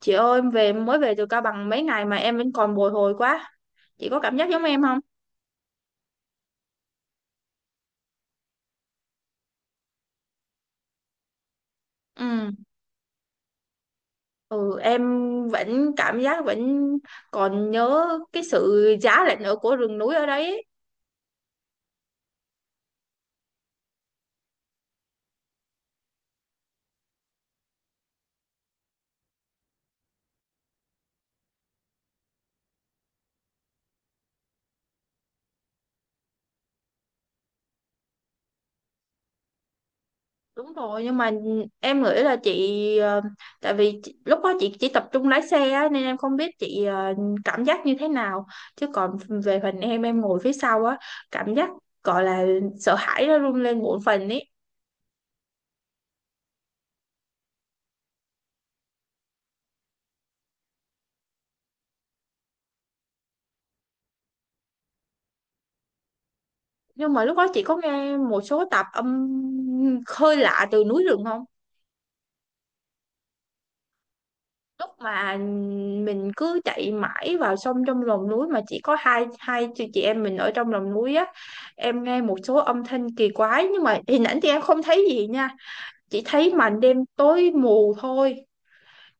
Chị ơi, em về em mới về từ Cao Bằng mấy ngày mà em vẫn còn bồi hồi quá. Chị có cảm giác giống em không? Ừ. Ừ, em vẫn cảm giác vẫn còn nhớ cái sự giá lạnh ở của rừng núi ở đấy. Đúng rồi, nhưng mà em nghĩ là chị tại vì lúc đó chị chỉ tập trung lái xe á, nên em không biết chị cảm giác như thế nào. Chứ còn về phần em ngồi phía sau á, cảm giác gọi là sợ hãi nó run lên bộn phần ấy. Nhưng mà lúc đó chị có nghe một số tạp âm khơi lạ từ núi rừng không? Lúc mà mình cứ chạy mãi vào sông trong lòng núi mà chỉ có hai hai chị em mình ở trong lòng núi á, em nghe một số âm thanh kỳ quái nhưng mà hình ảnh thì em không thấy gì nha, chỉ thấy màn đêm tối mù thôi.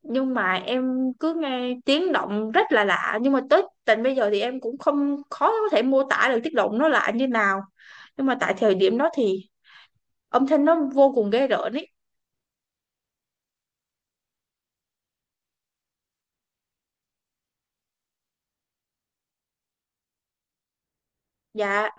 Nhưng mà em cứ nghe tiếng động rất là lạ, nhưng mà tới tận bây giờ thì em cũng không khó có thể mô tả được tiếng động nó lạ như nào, nhưng mà tại thời điểm đó thì âm thanh nó vô cùng ghê rợn ấy. Dạ.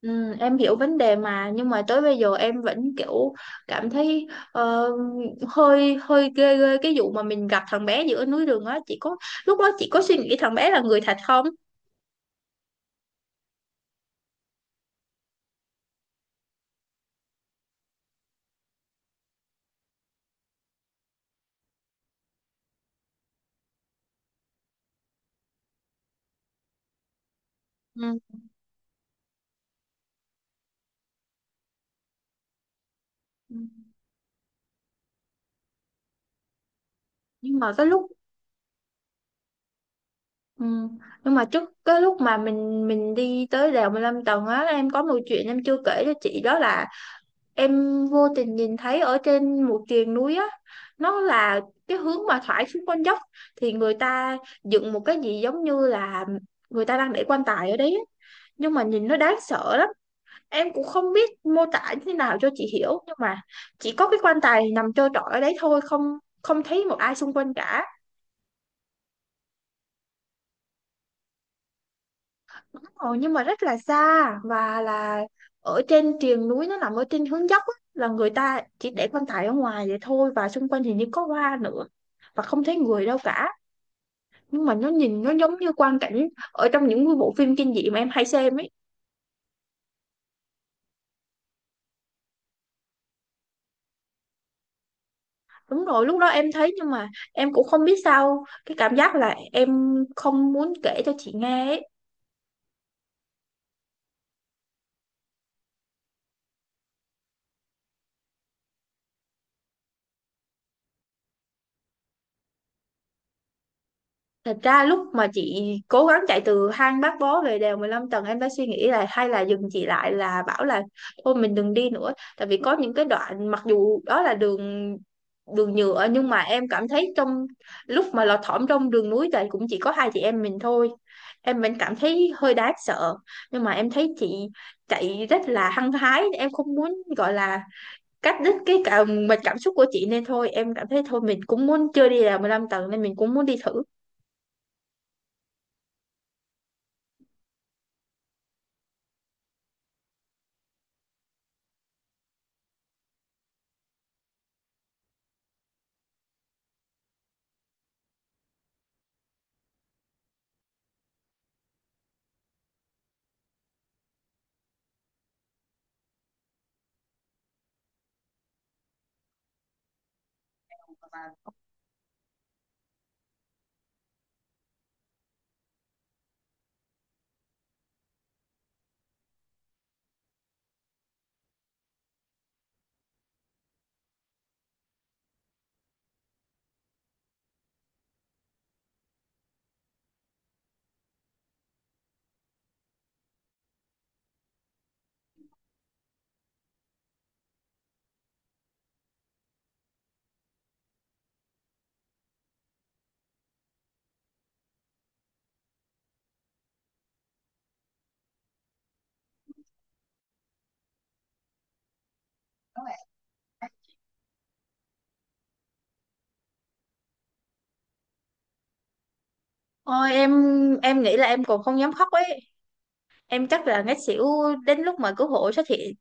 Ừ, em hiểu vấn đề mà nhưng mà tới bây giờ em vẫn kiểu cảm thấy ờ, hơi hơi ghê ghê cái vụ mà mình gặp thằng bé giữa núi đường á, chị có lúc đó chị có suy nghĩ thằng bé là người thật không? Ừ. Ừ. Nhưng mà cái lúc ừ, nhưng mà trước cái lúc mà mình đi tới đèo 15 tầng á, em có một chuyện em chưa kể cho chị đó là em vô tình nhìn thấy ở trên một triền núi á, nó là cái hướng mà thoải xuống con dốc thì người ta dựng một cái gì giống như là người ta đang để quan tài ở đấy á. Nhưng mà nhìn nó đáng sợ lắm, em cũng không biết mô tả như thế nào cho chị hiểu, nhưng mà chỉ có cái quan tài nằm trơ trọi ở đấy thôi, không không thấy một ai xung quanh cả. Đúng rồi, nhưng mà rất là xa và là ở trên triền núi, nó nằm ở trên hướng dốc á, là người ta chỉ để quan tài ở ngoài vậy thôi, và xung quanh thì như có hoa nữa, và không thấy người đâu cả. Nhưng mà nó nhìn nó giống như quang cảnh ở trong những cái bộ phim kinh dị mà em hay xem ấy. Đúng rồi, lúc đó em thấy nhưng mà em cũng không biết sao, cái cảm giác là em không muốn kể cho chị nghe ấy. Thật ra lúc mà chị cố gắng chạy từ hang Bác Bó về đèo 15 tầng, em đã suy nghĩ là hay là dừng chị lại là bảo là thôi mình đừng đi nữa, tại vì có những cái đoạn mặc dù đó là đường đường nhựa nhưng mà em cảm thấy trong lúc mà lọt thỏm trong đường núi thì cũng chỉ có hai chị em mình thôi, em vẫn cảm thấy hơi đáng sợ. Nhưng mà em thấy chị chạy rất là hăng hái, em không muốn gọi là cắt đứt mạch cảm xúc của chị, nên thôi em cảm thấy thôi mình cũng muốn chưa đi đèo 15 tầng nên mình cũng muốn đi thử. Ôi, em nghĩ là em còn không dám khóc ấy. Em chắc là ngất xỉu đến lúc mà cứu hộ xuất hiện.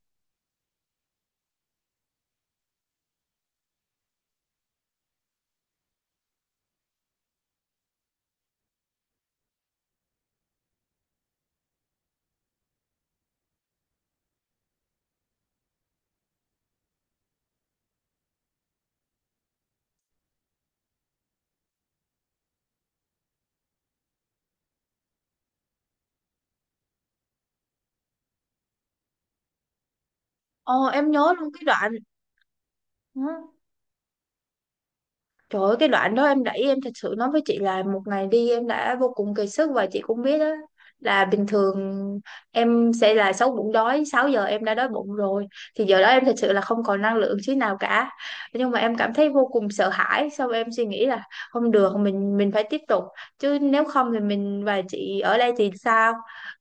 Ồ, em nhớ luôn cái đoạn. Ừ. Trời ơi, cái đoạn đó em đẩy, em thật sự nói với chị là một ngày đi em đã vô cùng kiệt sức, và chị cũng biết đó, là bình thường em sẽ là 6 giờ em đã đói bụng rồi, thì giờ đó em thật sự là không còn năng lượng chút nào cả. Nhưng mà em cảm thấy vô cùng sợ hãi, sau em suy nghĩ là không được, mình phải tiếp tục, chứ nếu không thì mình và chị ở đây thì sao.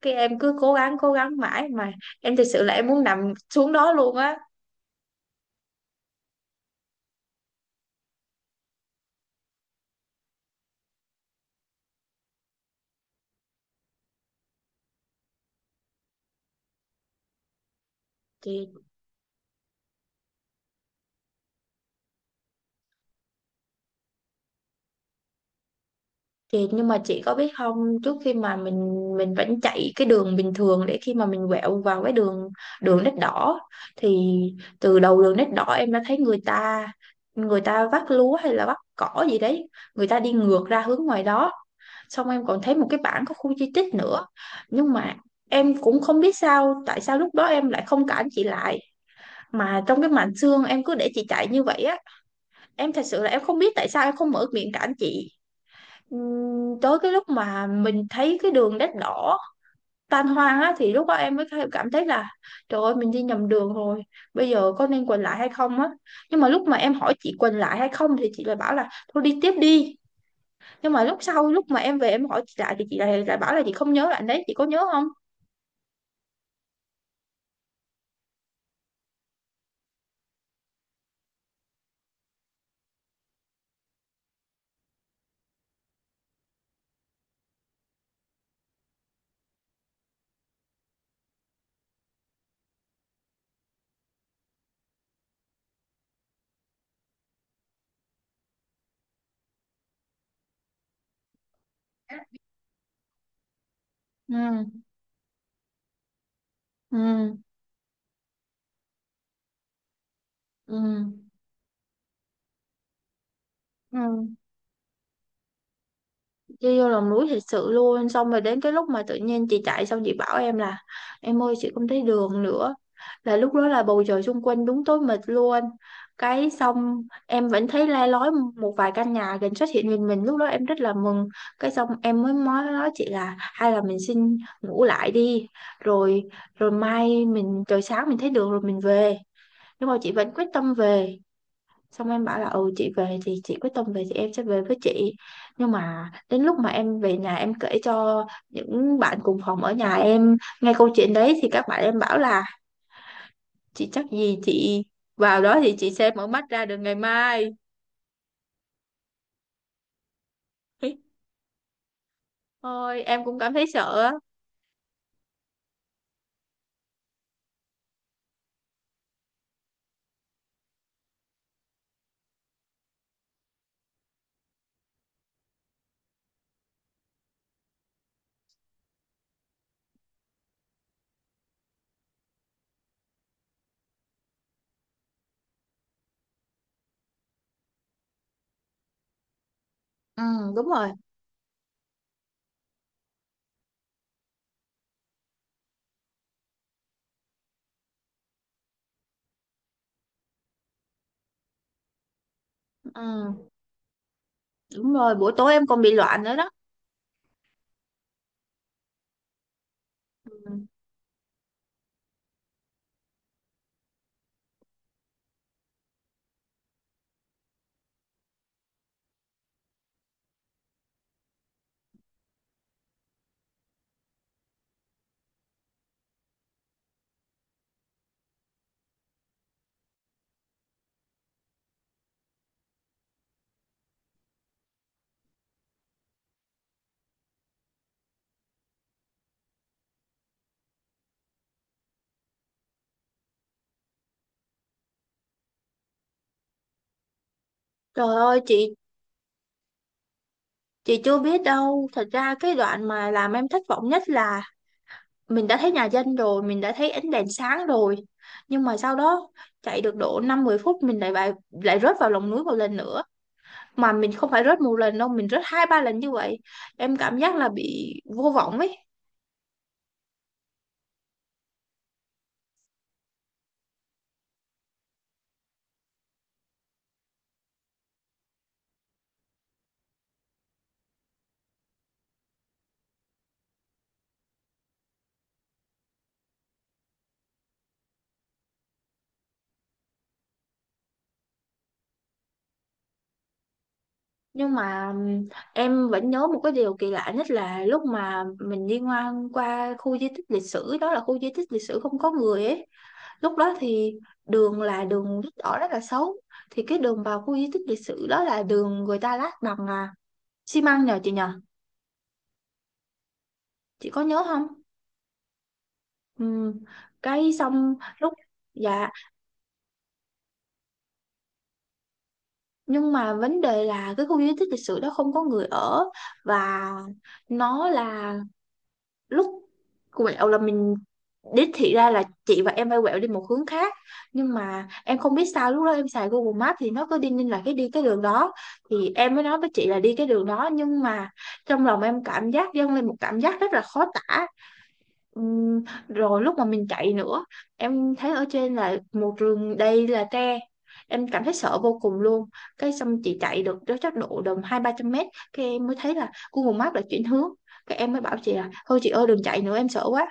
Cái em cứ cố gắng mãi mà em thật sự là em muốn nằm xuống đó luôn á. Chị. Thì nhưng mà chị có biết không, trước khi mà mình vẫn chạy cái đường bình thường, để khi mà mình quẹo vào cái đường đường nít đỏ thì từ đầu đường nít đỏ em đã thấy người ta vác lúa hay là vác cỏ gì đấy, người ta đi ngược ra hướng ngoài đó, xong em còn thấy một cái bảng có khu di tích nữa, nhưng mà em cũng không biết sao tại sao lúc đó em lại không cản chị lại, mà trong cái màn sương em cứ để chị chạy như vậy á, em thật sự là em không biết tại sao em không mở miệng cản chị. Tới cái lúc mà mình thấy cái đường đất đỏ tan hoang á thì lúc đó em mới cảm thấy là trời ơi mình đi nhầm đường rồi, bây giờ có nên quay lại hay không á. Nhưng mà lúc mà em hỏi chị quay lại hay không thì chị lại bảo là thôi đi tiếp đi. Nhưng mà lúc sau lúc mà em về em hỏi chị lại thì chị lại lại bảo là chị không nhớ đoạn đấy, chị có nhớ không? Ừ. Ừ. Ừ. Ừ. Đi vô lòng núi thật sự luôn, xong rồi đến cái lúc mà tự nhiên chị chạy xong chị bảo em là em ơi chị không thấy đường nữa, là lúc đó là bầu trời xung quanh đúng tối mịt luôn. Cái xong em vẫn thấy le lói một vài căn nhà gần xuất hiện nhìn mình, lúc đó em rất là mừng. Cái xong em mới nói chị là hay là mình xin ngủ lại đi, rồi rồi mai mình trời sáng mình thấy đường rồi mình về. Nhưng mà chị vẫn quyết tâm về, xong em bảo là ừ chị về thì chị quyết tâm về thì em sẽ về với chị. Nhưng mà đến lúc mà em về nhà em kể cho những bạn cùng phòng ở nhà em nghe câu chuyện đấy thì các bạn em bảo là chị chắc gì chị vào đó thì chị sẽ mở mắt ra được ngày mai. Ôi, em cũng cảm thấy sợ á. Ừ. Đúng rồi. Ừ. Đúng rồi, buổi tối em còn bị loạn nữa đó. Ừ. Trời ơi chị chưa biết đâu, thật ra cái đoạn mà làm em thất vọng nhất là mình đã thấy nhà dân rồi, mình đã thấy ánh đèn sáng rồi, nhưng mà sau đó chạy được độ 5, 10 phút mình lại lại lại rớt vào lòng núi một lần nữa. Mà mình không phải rớt một lần đâu, mình rớt 2, 3 lần như vậy, em cảm giác là bị vô vọng ấy. Nhưng mà em vẫn nhớ một cái điều kỳ lạ nhất là lúc mà mình đi ngang qua khu di tích lịch sử, đó là khu di tích lịch sử không có người ấy. Lúc đó thì đường là đường đất đỏ rất là xấu, thì cái đường vào khu di tích lịch sử đó là đường người ta lát bằng xi măng nhờ chị nhỉ, chị có nhớ không? Ừ. cái xong lúc Dạ. Nhưng mà vấn đề là cái khu di tích lịch sử đó không có người ở, và nó là lúc quẹo là mình đích thị ra là chị và em phải quẹo đi một hướng khác. Nhưng mà em không biết sao lúc đó em xài Google Maps thì nó cứ đi, nên là cái đi cái đường đó, thì em mới nói với chị là đi cái đường đó, nhưng mà trong lòng em cảm giác dâng lên một cảm giác rất là khó tả. Ừm, Rồi lúc mà mình chạy nữa, em thấy ở trên là một rừng đầy là tre, em cảm thấy sợ vô cùng luôn. Cái xong chị chạy được tới chắc độ tầm 200, 300 mét, cái em mới thấy là Google Maps đã chuyển hướng, cái em mới bảo chị là thôi chị ơi đừng chạy nữa em sợ quá.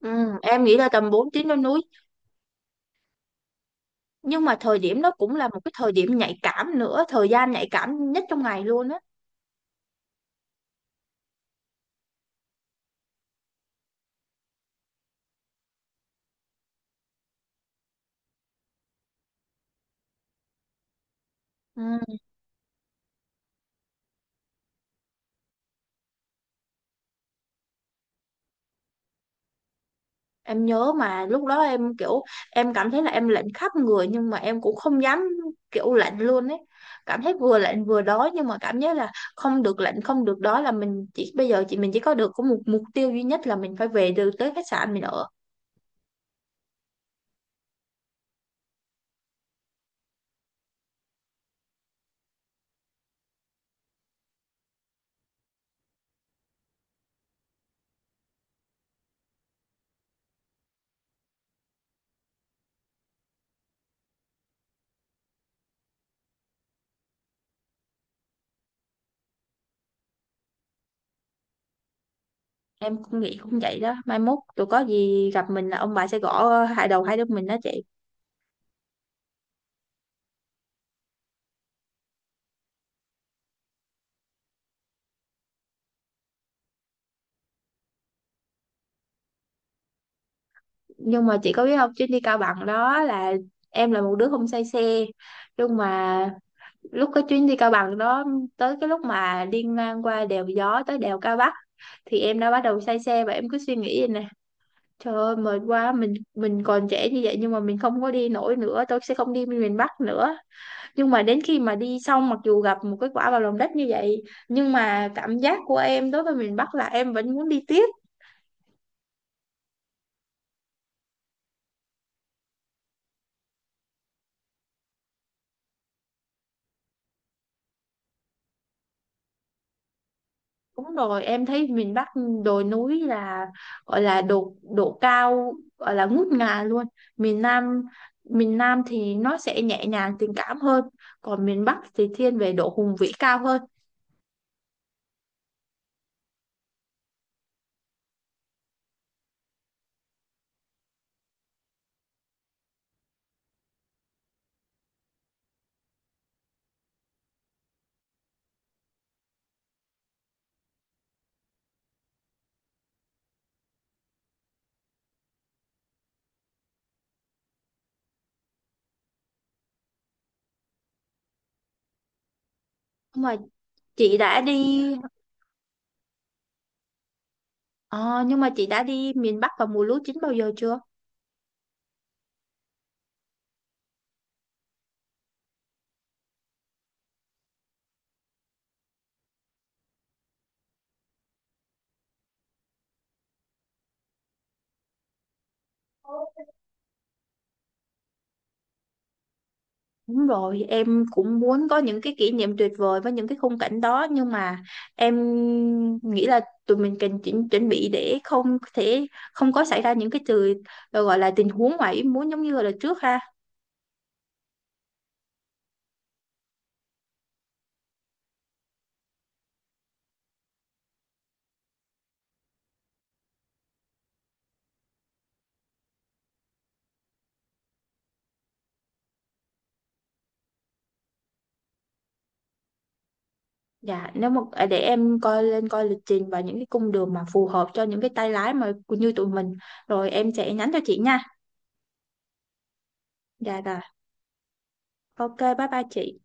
Em nghĩ là tầm 4 tiếng lên núi. Nhưng mà thời điểm đó cũng là một cái thời điểm nhạy cảm nữa, thời gian nhạy cảm nhất trong ngày luôn á. Em nhớ mà lúc đó em kiểu em cảm thấy là em lạnh khắp người nhưng mà em cũng không dám, kiểu lạnh luôn ấy, cảm thấy vừa lạnh vừa đói, nhưng mà cảm giác là không được lạnh không được đói, là mình chỉ bây giờ chị mình chỉ có được có một mục tiêu duy nhất là mình phải về được tới khách sạn mình ở. Em cũng nghĩ cũng vậy đó, mai mốt tụi có gì gặp mình là ông bà sẽ gõ hai đầu hai đứa mình đó chị. Nhưng mà chị có biết không, chuyến đi Cao Bằng đó là em là một đứa không say xe, nhưng mà lúc có chuyến đi Cao Bằng đó, tới cái lúc mà liên mang qua đèo Gió tới đèo Cao Bắc thì em đã bắt đầu say xe, và em cứ suy nghĩ vậy nè, trời ơi mệt quá, mình còn trẻ như vậy nhưng mà mình không có đi nổi nữa, tôi sẽ không đi miền Bắc nữa. Nhưng mà đến khi mà đi xong mặc dù gặp một cái quả vào lòng đất như vậy, nhưng mà cảm giác của em đối với miền Bắc là em vẫn muốn đi tiếp. Đúng rồi, em thấy miền Bắc đồi núi là gọi là độ độ cao gọi là ngút ngàn luôn. Miền Nam miền Nam thì nó sẽ nhẹ nhàng tình cảm hơn, còn miền Bắc thì thiên về độ hùng vĩ cao hơn. Nhưng mà chị đã đi ờ, nhưng mà chị đã đi miền Bắc vào mùa lúa chín bao giờ chưa? Đúng rồi, em cũng muốn có những cái kỷ niệm tuyệt vời với những cái khung cảnh đó, nhưng mà em nghĩ là tụi mình cần chuẩn bị để không thể không có xảy ra những cái từ gọi là tình huống ngoài ý muốn giống như là trước ha. Dạ, nếu mà để em coi lịch trình và những cái cung đường mà phù hợp cho những cái tay lái mà như tụi mình, rồi em sẽ nhắn cho chị nha. Dạ rồi. OK, bye bye chị.